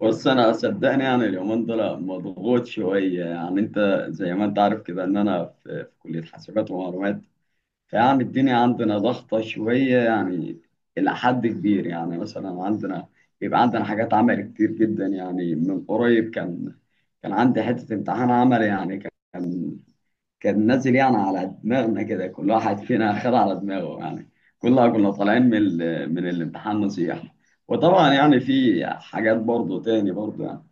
بص، انا صدقني يعني اليومين دول مضغوط شويه. يعني انت زي ما انت عارف كده ان انا في كليه حاسبات ومعلومات. فيعني الدنيا عندنا ضغطه شويه يعني الى حد كبير. يعني مثلا عندنا بيبقى عندنا حاجات عمل كتير جدا. يعني من قريب كان عندي حته امتحان عمل يعني. كان كان نازل يعني على دماغنا كده، كل واحد فينا خد على دماغه يعني. كلنا كنا طالعين من من الامتحان نصيحه. وطبعا يعني في حاجات برضو تاني برضو يعني.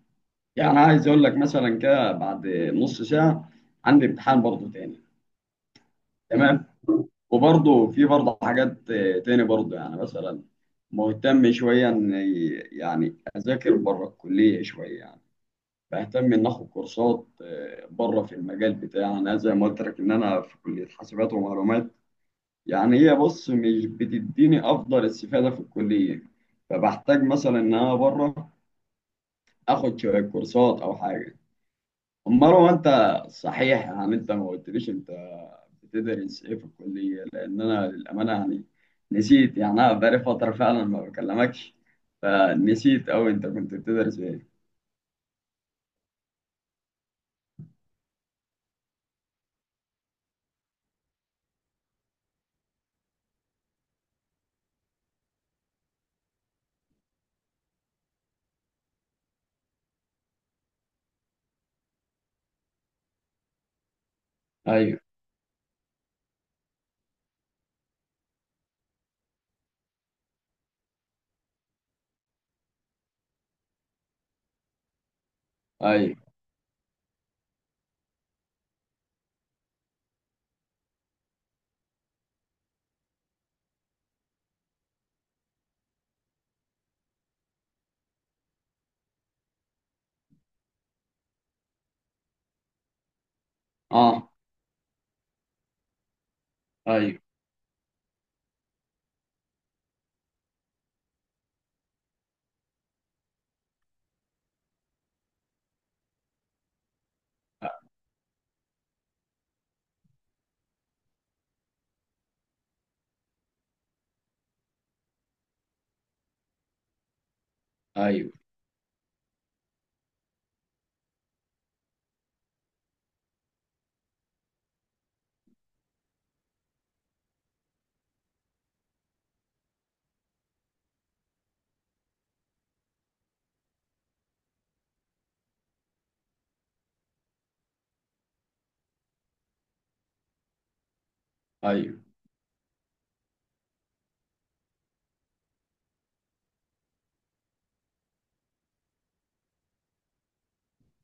يعني أنا عايز اقول لك مثلا كده، بعد نص ساعه عندي امتحان برضه تاني. تمام. وبرضه في برضه حاجات تاني برضه. يعني مثلا مهتم شويه ان يعني اذاكر بره الكليه شويه يعني. بهتم ان اخد كورسات بره في المجال بتاعي. انا زي ما قلت لك ان انا في كليه حاسبات ومعلومات. يعني هي، بص، مش بتديني افضل استفاده في الكليه. فبحتاج مثلا ان انا بره اخد شويه كورسات او حاجه. مروه، انت صحيح يعني، انت ما قلتليش انت بتدرس ايه في الكليه؟ لان انا للامانه يعني نسيت يعني. انا بقالي فتره فعلا ما بكلمكش، فنسيت اوي انت كنت بتدرس ايه. ايوه. ايوه. اه. ايوه. ايوه. ايوه.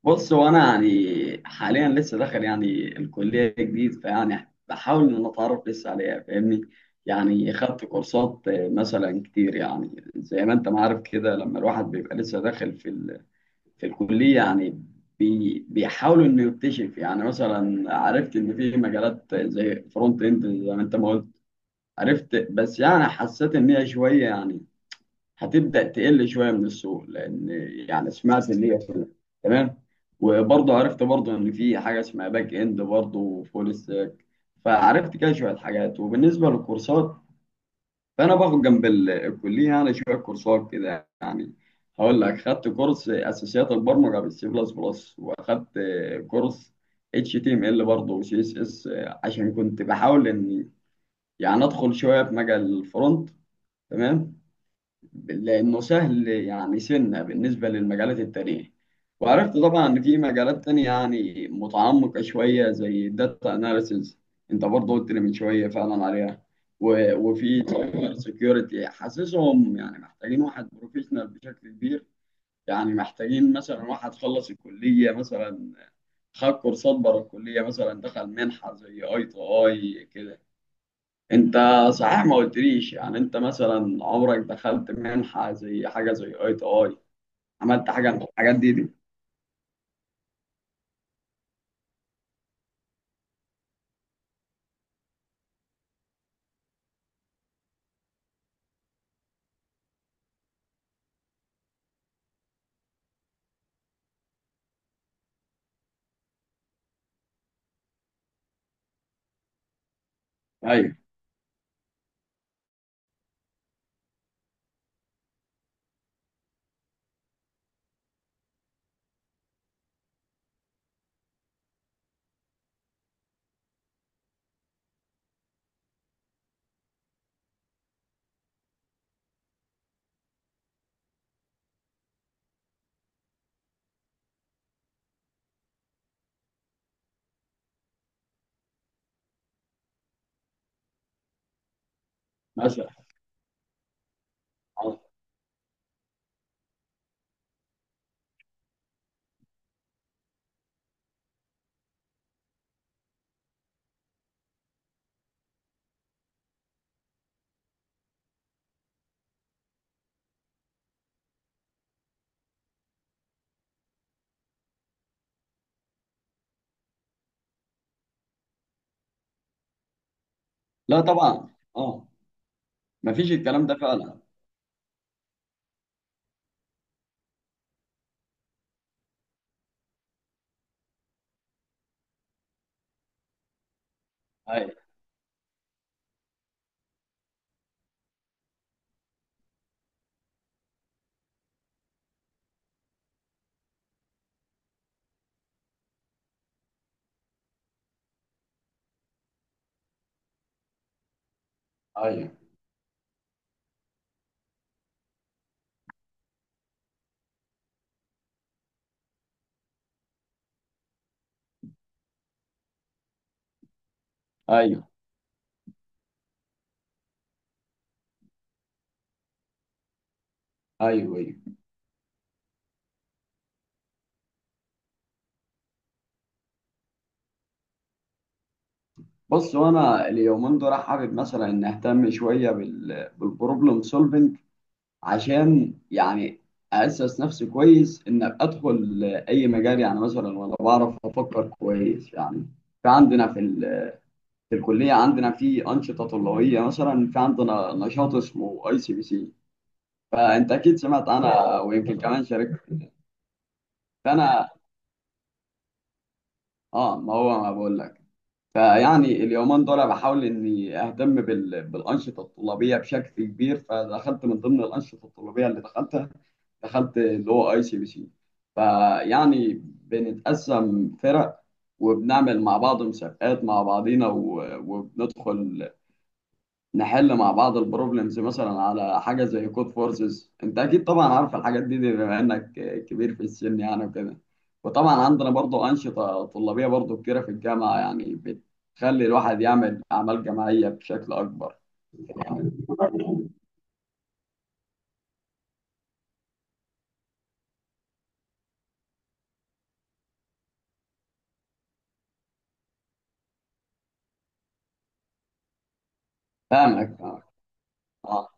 بص، هو انا يعني حاليا لسه داخل يعني الكليه جديد. فيعني بحاول ان أنا اتعرف لسه عليها فاهمني. يعني خدت كورسات مثلا كتير، يعني زي ما انت ما عارف كده، لما الواحد بيبقى لسه داخل في في الكلية يعني بيحاولوا إنه يكتشف. يعني مثلا عرفت إن في مجالات زي فرونت إند زي ما أنت ما قلت. عرفت، بس يعني حسيت إن هي شوية يعني هتبدأ تقل شوية من السوق، لأن يعني سمعت اللي هي كده. تمام. وبرضه عرفت برضه إن في حاجة اسمها باك إند برضه وفول ستاك. فعرفت كده شوية حاجات. وبالنسبة للكورسات، فانا باخد جنب الكليه يعني شويه كورسات كده يعني. هقول لك، خدت كورس اساسيات البرمجه بالسي بلس بلس، واخدت كورس اتش تي ام ال برضه وسي اس اس، عشان كنت بحاول اني يعني ادخل شويه في مجال الفرونت. تمام. لأنه سهل يعني سنة بالنسبة للمجالات التانية. وعرفت طبعا إن في مجالات تانية يعني متعمقة شوية زي الداتا أناليسيز، أنت برضه قلت لي من شوية فعلا عليها، وفي سايبر سيكيورتي حاسسهم يعني محتاجين واحد بروفيشنال بشكل كبير. يعني محتاجين مثلا واحد خلص الكلية، مثلا خد كورسات بره الكلية، مثلا دخل منحة زي اي تو اي كده. انت صحيح ما قلتليش يعني، انت مثلا عمرك دخلت منحة زي حاجة زي اي تي اي؟ عملت حاجة من الحاجات دي؟ ايوه. مثلا. اه. لا طبعا. اه. مفيش الكلام ده فعلا. ايوه. ايوه. ايوه. ايوه. ايوه. بص، وانا اليومين دول حابب مثلا ان اهتم شوية بالبروبلم سولفنج، عشان يعني اسس نفسي كويس ان ابقى ادخل اي مجال، يعني مثلا وانا بعرف افكر كويس يعني. فعندنا في الكلية عندنا في أنشطة طلابية، مثلا في عندنا نشاط اسمه أي سي بي سي. فأنت أكيد سمعت عنها ويمكن كمان شاركت. فأنا ما هو ما بقول لك. فيعني اليومين دول بحاول إني أهتم بالأنشطة الطلابية بشكل كبير. فدخلت من ضمن الأنشطة الطلابية اللي دخلتها، دخلت اللي هو أي سي بي سي. فيعني بنتقسم فرق، وبنعمل مع بعض مسابقات مع بعضينا وبندخل نحل مع بعض البروبلمز مثلا على حاجه زي كود فورسز. انت اكيد طبعا عارف الحاجات دي بما انك كبير في السن يعني وكده. وطبعا عندنا برضو انشطه طلابيه برضو كتيره في الجامعه، يعني بتخلي الواحد يعمل اعمال جماعيه بشكل اكبر يعني. فاهمك، فاهمك. اه.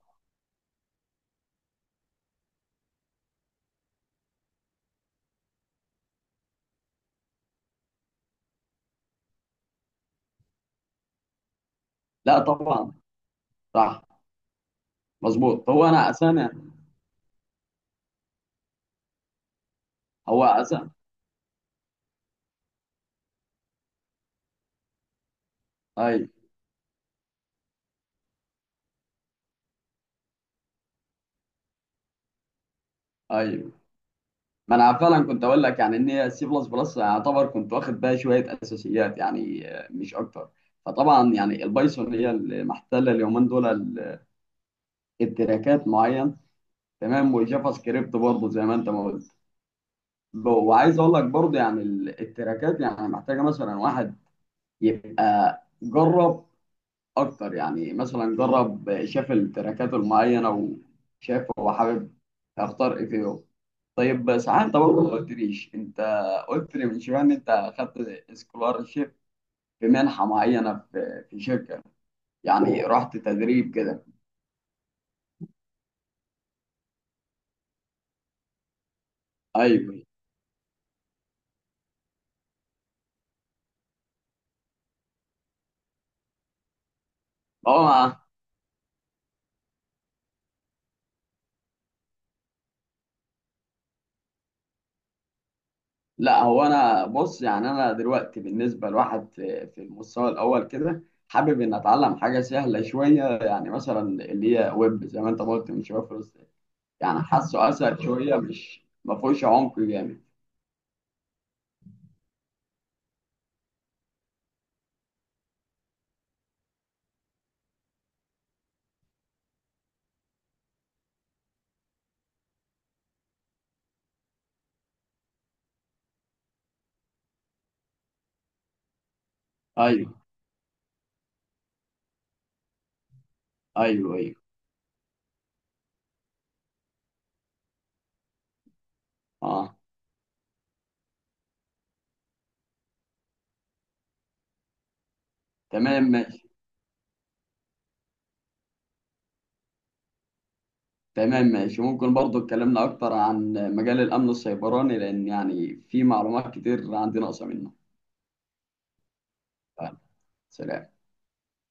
لا طبعا. صح. مظبوط. هو انا اساسا. هو اساسا. اي. اي. ما انا فعلا كنت اقول لك يعني ان هي سي بلس بلس يعتبر كنت واخد بها شويه اساسيات يعني، مش اكتر. فطبعا يعني البايثون هي اللي محتله اليومين دول، التراكات معين. تمام. والجافا سكريبت برضه زي ما انت ما قلت. وعايز اقول لك برضه يعني التراكات يعني محتاجه مثلا واحد يبقى جرب اكتر، يعني مثلا جرب شاف التراكات المعينه وشاف هو حابب اختار ايه فيهم. طيب، ساعات انت برضه ما قلتليش، انت قلت لي من شويه ان انت اخدت سكولارشيب في منحه معينه في شركه، يعني رحت تدريب كده. ايوه. هو لا، هو انا بص يعني انا دلوقتي بالنسبه لواحد في المستوى الاول كده حابب ان اتعلم حاجه سهله شويه، يعني مثلا اللي هي ويب زي ما انت قلت من شويه. يعني حاسه اسهل شويه مش ما فيهوش عمق جامد. ايوه. ايوه. ايوه. اه. تمام ماشي. تمام ماشي. ممكن برضو اتكلمنا اكتر عن مجال الامن السيبراني، لان يعني في معلومات كتير عندي ناقصه منه. يلا، سلام.